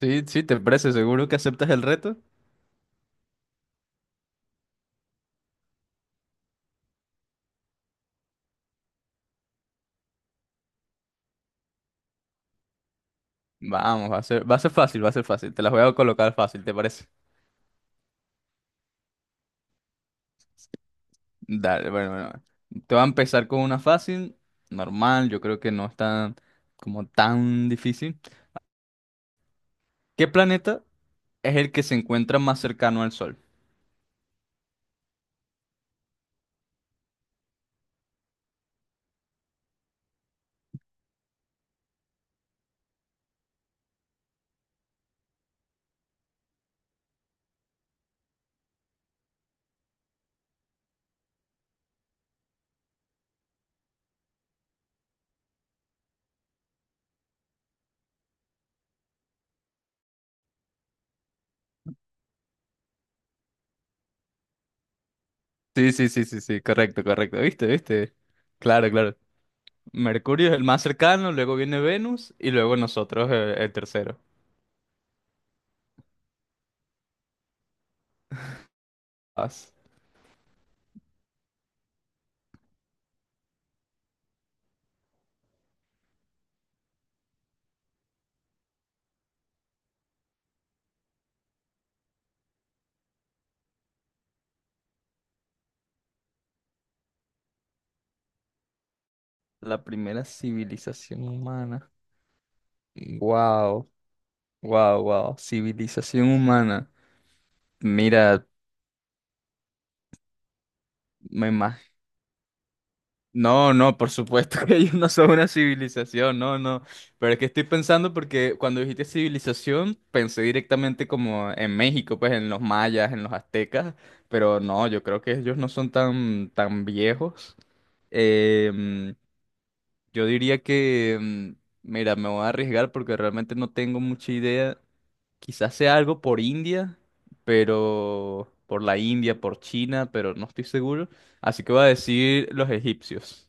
Sí, sí, ¿te parece? ¿Seguro que aceptas el reto? Vamos, va a ser fácil, va a ser fácil. Te las voy a colocar fácil, ¿te parece? Dale, bueno. Te voy a empezar con una fácil, normal, yo creo que no es tan, como tan difícil. ¿Qué planeta es el que se encuentra más cercano al Sol? Sí, sí, sí, sí, sí, correcto, correcto. ¿Viste? ¿Viste? Claro, claro. Mercurio es el más cercano, luego viene Venus y luego nosotros el tercero. Vas. La primera civilización humana. Wow. Wow, civilización humana. Mira, me imagino. No, no, por supuesto que ellos no son una civilización, no, no. Pero es que estoy pensando porque cuando dijiste civilización, pensé directamente como en México, pues en los mayas, en los aztecas, pero no, yo creo que ellos no son tan, tan viejos. Em, yo diría que, mira, me voy a arriesgar porque realmente no tengo mucha idea. Quizás sea algo por India, pero por la India, por China, pero no estoy seguro. Así que voy a decir los egipcios.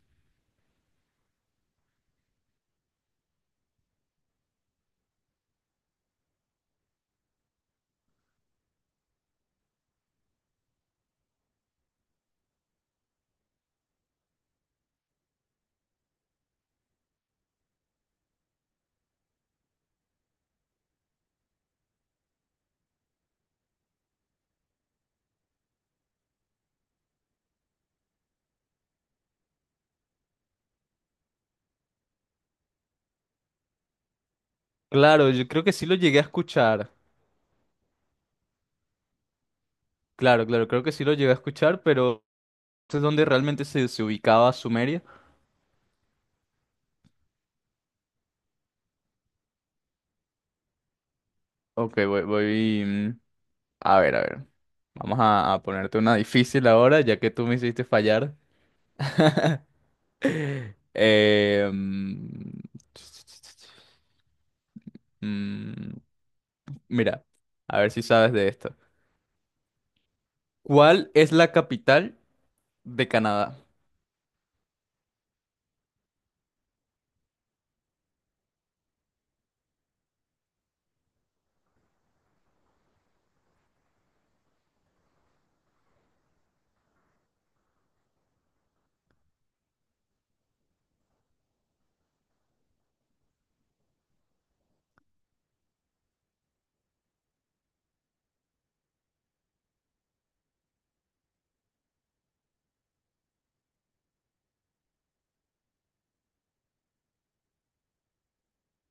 Claro, yo creo que sí lo llegué a escuchar. Claro, claro, creo que sí lo llegué a escuchar, pero ¿es donde realmente se ubicaba Sumeria? Ok, a ver, a ver. A ponerte una difícil ahora, ya que tú me hiciste fallar. Eh, mm, mm, mira, a ver si sabes de esto. ¿Cuál es la capital de Canadá?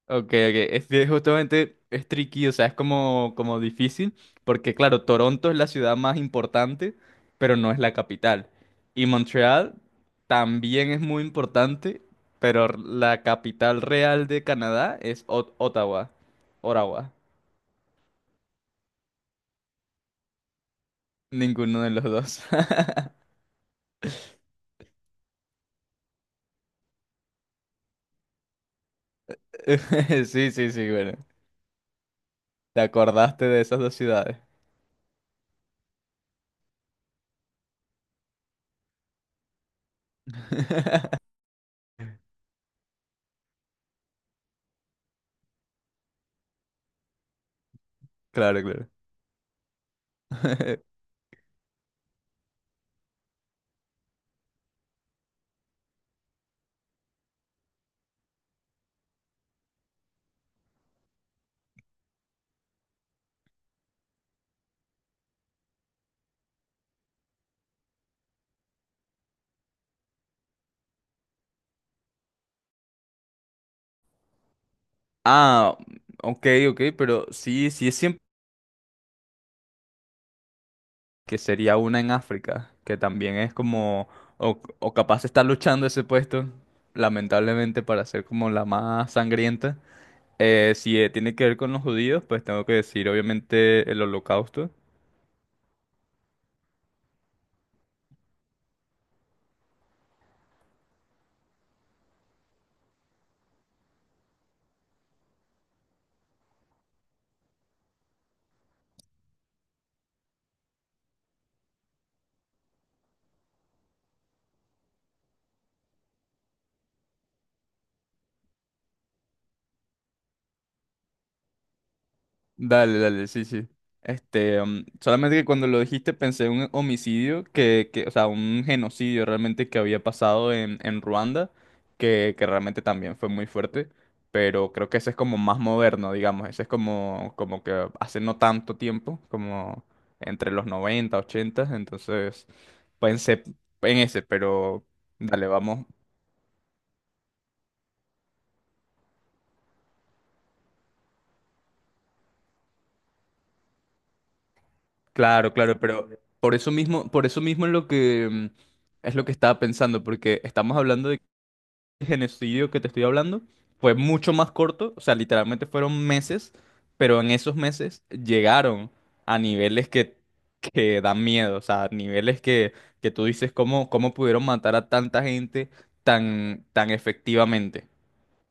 Ok, ok, es que justamente es tricky, o sea, es como, como difícil, porque claro, Toronto es la ciudad más importante, pero no es la capital. Y Montreal también es muy importante, pero la capital real de Canadá es Ottawa, Ottawa, ninguno de los dos. Sí, sí, sí, bueno, te acordaste de esas dos ciudades. Claro, claro. Ah, ok, ok, pero sí, sí es siempre que sería una en África, que también es como, o capaz está luchando ese puesto, lamentablemente para ser como la más sangrienta. Si tiene que ver con los judíos, pues tengo que decir obviamente el holocausto. Dale, dale, sí, sí. Este, solamente que cuando lo dijiste pensé en un homicidio o sea, un genocidio realmente que había pasado en Ruanda, que realmente también fue muy fuerte, pero creo que ese es como más moderno, digamos, ese es como, como que hace no tanto tiempo, como entre los 90 80, entonces pensé en ese, pero dale, vamos. Claro, claro, pero por eso mismo es lo que... es lo que estaba pensando, porque estamos hablando de genocidio que te estoy hablando fue mucho más corto, o sea, literalmente fueron meses, pero en esos meses llegaron a niveles que dan miedo, o sea, niveles que tú dices cómo, cómo pudieron matar a tanta gente tan, tan efectivamente.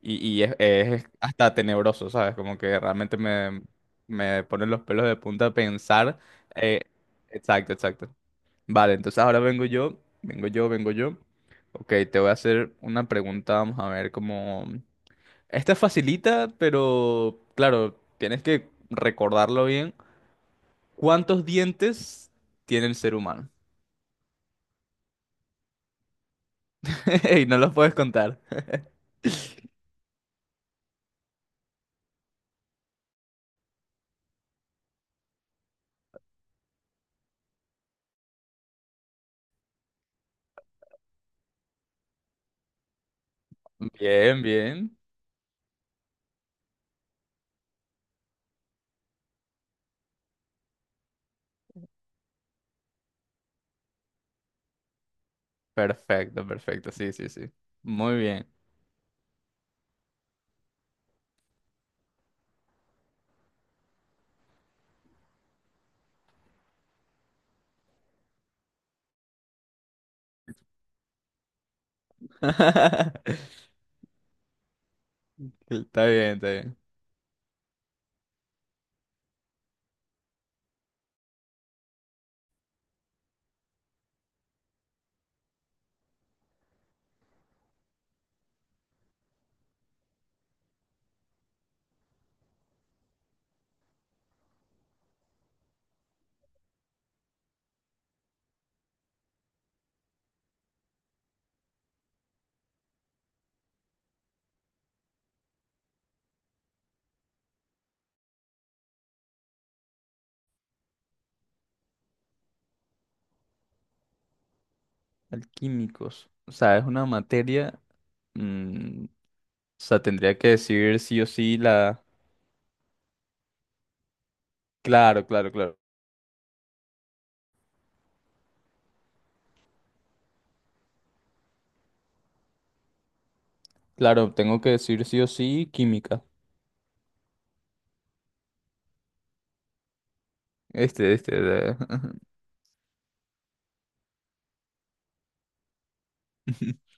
Y es hasta tenebroso, ¿sabes? Como que realmente me ponen los pelos de punta pensar. eh, exacto, exacto. Vale, entonces ahora vengo yo. Ok, te voy a hacer una pregunta, vamos a ver cómo... Esta es facilita, pero claro, tienes que recordarlo bien. ¿Cuántos dientes tiene el ser humano? Y no los puedes contar. Bien, bien. Perfecto, perfecto. Sí, sí, sí. Muy bien. Está bien, está bien. Alquímicos. O sea, es una materia... mm, o sea, tendría que decir sí o sí la... Claro, claro, claro. Claro, tengo que decir sí o sí química. Este, este. de-